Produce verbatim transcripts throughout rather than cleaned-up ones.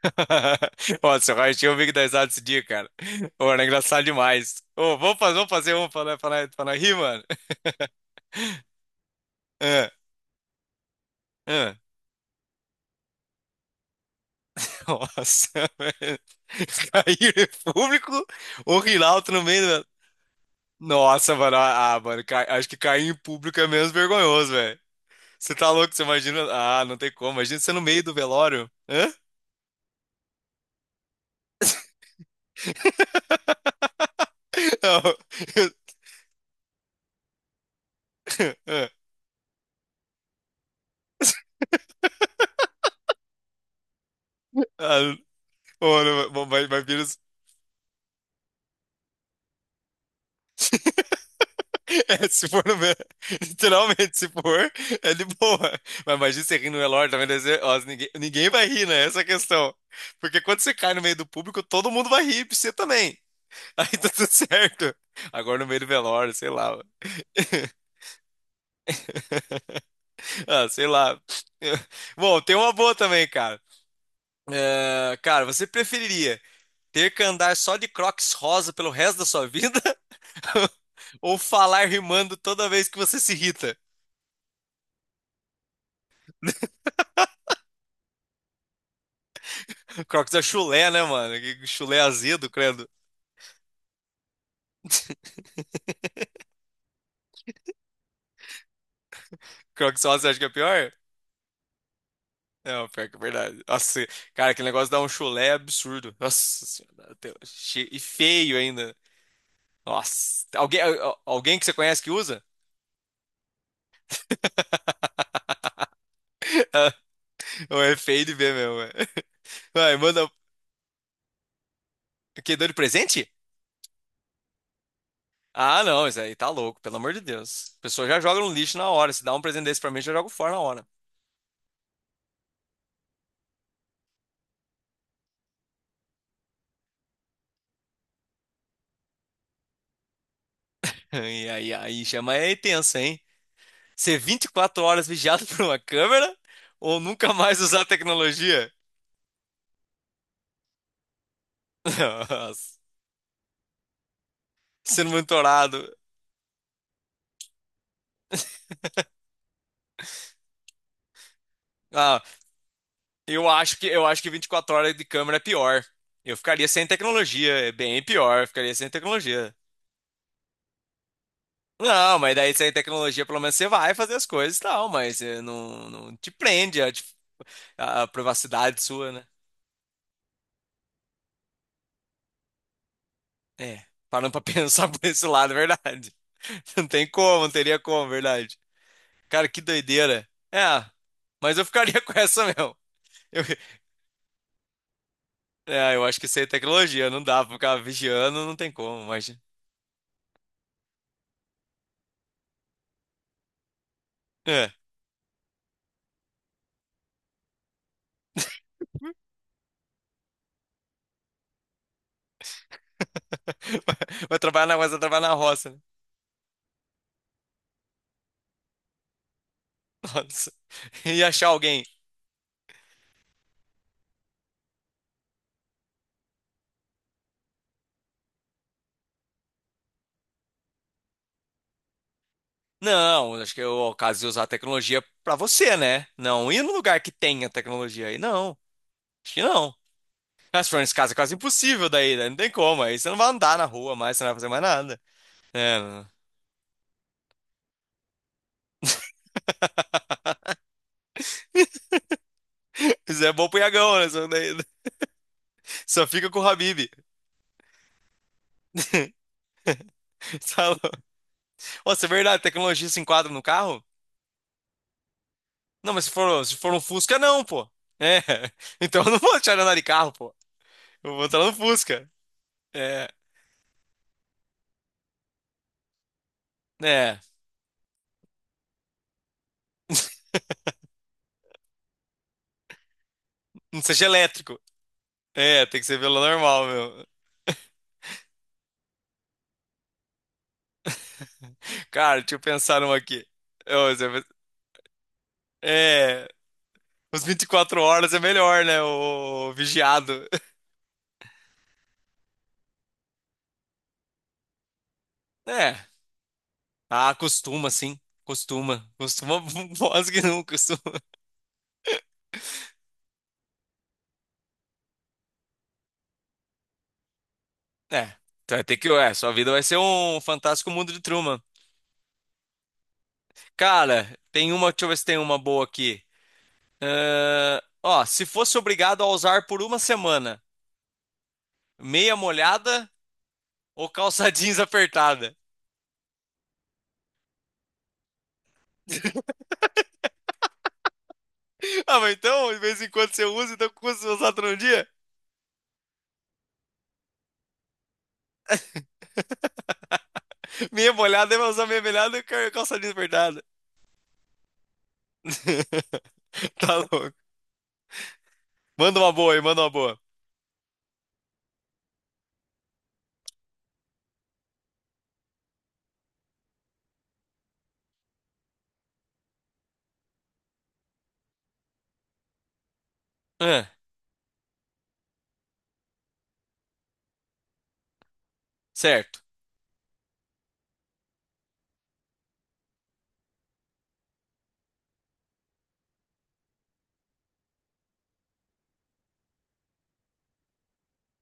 Ó, seu raio, tinha um amigo da risada esse dia, cara. Ô, era engraçado demais. Ô, vamos fazer, vamos fazer um pra, nós- pra, nós- pra nós rir, mano. Ah, ah. Nossa, velho. Cair em público ou rir alto no meio do... Nossa, mano. Ah, ah, mano, ca- acho que cair em público é menos vergonhoso, velho. Você tá louco? Você imagina. Ah, não tem como. Imagina você no meio do velório. Hã? Não. Ah, mano, mas, mas vira. É, se for no meu. Literalmente, se for, é de boa. Mas imagina você rir no velório também. deve ser- ó, ninguém, ninguém vai rir, né? Essa é a questão. Porque quando você cai no meio do público, todo mundo vai rir, você também. Aí tá tudo certo. Agora no meio do velório, sei lá. Ah, sei lá. Bom, tem uma boa também, cara. É, cara, você preferiria ter que andar só de Crocs rosa pelo resto da sua vida? Ou falar rimando toda vez que você se irrita? Crocs é chulé, né, mano? Que chulé azedo, credo. Crocs só você acha que é pior? Não, pior que é verdade. Nossa, cara, aquele negócio dá um chulé absurdo. Nossa senhora. até- che- E feio ainda. Nossa. Alguém, al- alguém que você conhece que usa? Não, é feio de ver mesmo. É. Vai, manda. Que deu de presente? Ah, não, isso aí tá louco, pelo amor de Deus. A pessoa já joga no lixo na hora. Se dá um presente desse pra mim, eu já jogo fora na hora. E aí, aí chama é tenso, hein? Ser vinte e quatro horas vigiado por uma câmera ou nunca mais usar tecnologia? Nossa. Sendo monitorado. Ah, eu acho que eu acho que vinte e quatro horas de câmera é pior. Eu ficaria sem tecnologia, é bem pior, eu ficaria sem tecnologia. Não, mas daí sem tecnologia, pelo menos você vai fazer as coisas e tal, mas eh, não, não te prende a, dif- a privacidade sua, né? É, parando pra pensar por esse lado, é verdade. Não tem como, não teria como, é verdade. Cara, que doideira. É, mas eu ficaria com essa mesmo. Eu, é, eu acho que isso aí é tecnologia, não dá pra ficar vigiando, não tem como, mas. É. Vai, vai trabalhar na, vai trabalhar na roça, né? Nossa. E achar alguém. Não, acho que é o caso de usar a tecnologia pra você, né? Não ir no lugar que tenha tecnologia aí. Não, acho que não. Mas se for nesse caso é quase impossível daí, né? Não tem como. Aí você não vai andar na rua mais, você não vai fazer mais nada. É, não. Isso é bom pro Iagão, né? Só, daí- só fica com o Habib. Salão. Nossa, é verdade, tecnologia se enquadra no carro? Não, mas se for, se for um Fusca, não, pô. É. Então eu não vou tirar andar de carro, pô. Eu vou entrar no Fusca. É. É. Não seja elétrico. É, tem que ser pelo normal, meu. Cara, deixa eu pensar numa aqui. Ô, você vai- É. Os vinte e quatro horas é melhor, né? O vigiado. É. Ah, costuma, sim. Costuma. Costuma, voz que não costuma. É. Então vai ter que. É, sua vida vai ser um fantástico mundo de Truman. Cara, tem uma, deixa eu ver se tem uma boa aqui. Ahn, ó, se fosse obrigado a usar por uma semana, meia molhada ou calça jeans apertada? Ah, mas então, de vez em quando você usa, então custa usar todo dia? Meia molhada, vai usar meia molhada e cal- calça jeans apertada. Tá louco. Manda uma boa aí, manda uma boa. Ah, certo.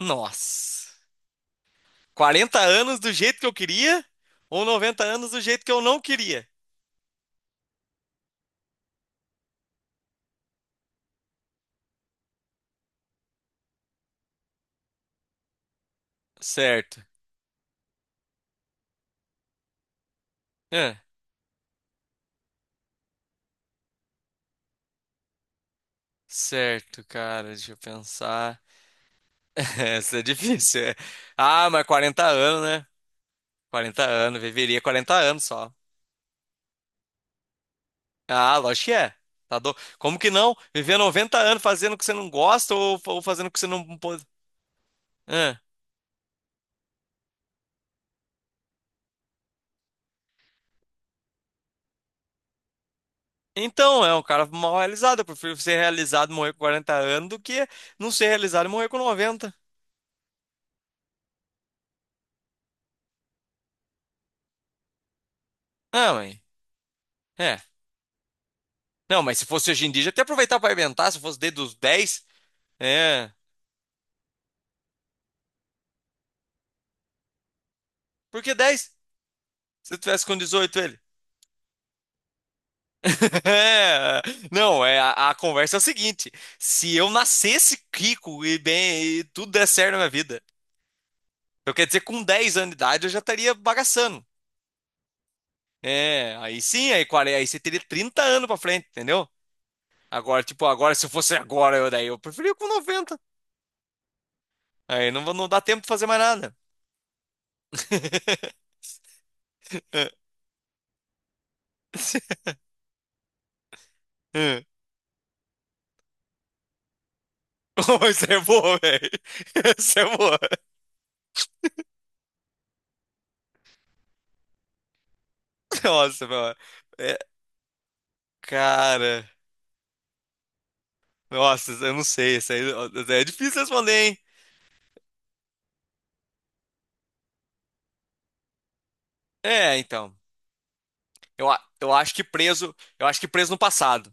Nossa. quarenta anos do jeito que eu queria ou noventa anos do jeito que eu não queria? Certo. Certo, cara, deixa eu pensar. Essa é difícil, é. Ah, mas quarenta anos, né? Quarenta anos, viveria quarenta anos só. Ah, lógico que é. Tá do... Como que não? Viver noventa anos fazendo o que você não gosta ou, ou fazendo o que você não pode. Ah. Então, é um cara mal realizado. Eu prefiro ser realizado e morrer com quarenta anos do que não ser realizado e morrer com noventa. Ah, mãe. É. Não, mas se fosse hoje em dia, já até aproveitar pra inventar, se fosse desde os dez. É. Por que dez? Se eu tivesse com dezoito ele. Não, é a, a conversa é o seguinte: se eu nascesse rico e bem, e tudo der certo na minha vida, eu quero dizer, com dez anos de idade eu já estaria bagaçando. É, aí sim, aí, quarenta aí você teria trinta anos pra frente, entendeu? Agora, tipo, agora, se eu fosse agora, eu, daí eu preferia com noventa. Aí não, vou- não dá tempo de fazer mais nada. Oh, isso é boa, velho. Isso é boa. Nossa, meu. É, cara. Nossa, eu não sei. Isso aí, isso aí é difícil responder, hein? É, então. Eu, a- eu acho que preso, eu acho que preso, no passado.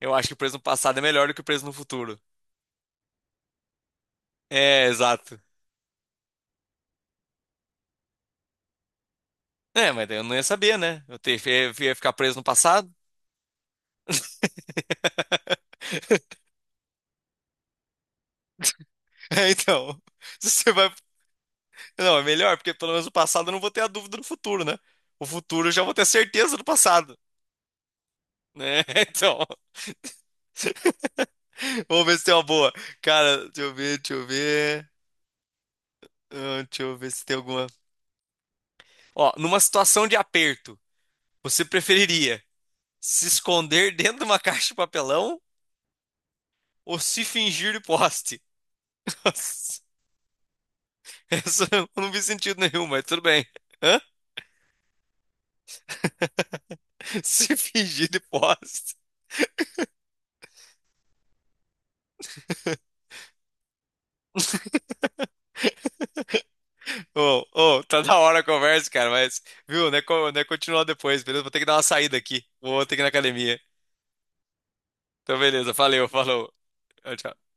Eu acho que preso no passado é melhor do que preso no futuro. É, exato. É, mas daí eu não ia saber, né? Eu te- ia ia ficar preso no passado. É, então. Se você vai... Não, é melhor, porque pelo menos no passado eu não vou ter a dúvida do futuro, né? O futuro eu já vou ter certeza do passado, né? Então. Vamos ver se tem uma boa. Cara, deixa eu ver, deixa eu ver. Ah, deixa eu ver se tem alguma. Ó, numa situação de aperto, você preferiria se esconder dentro de uma caixa de papelão ou se fingir de poste. Nossa, essa eu não vi sentido nenhum, mas tudo bem. Hã? Se fingir de poste. Ô, ô, tá da hora a conversa, cara, mas, viu, né, co- né, continuar depois, beleza? Vou ter que dar uma saída aqui. Vou ter que ir na academia. Então, beleza, valeu, falou. Tchau, tchau.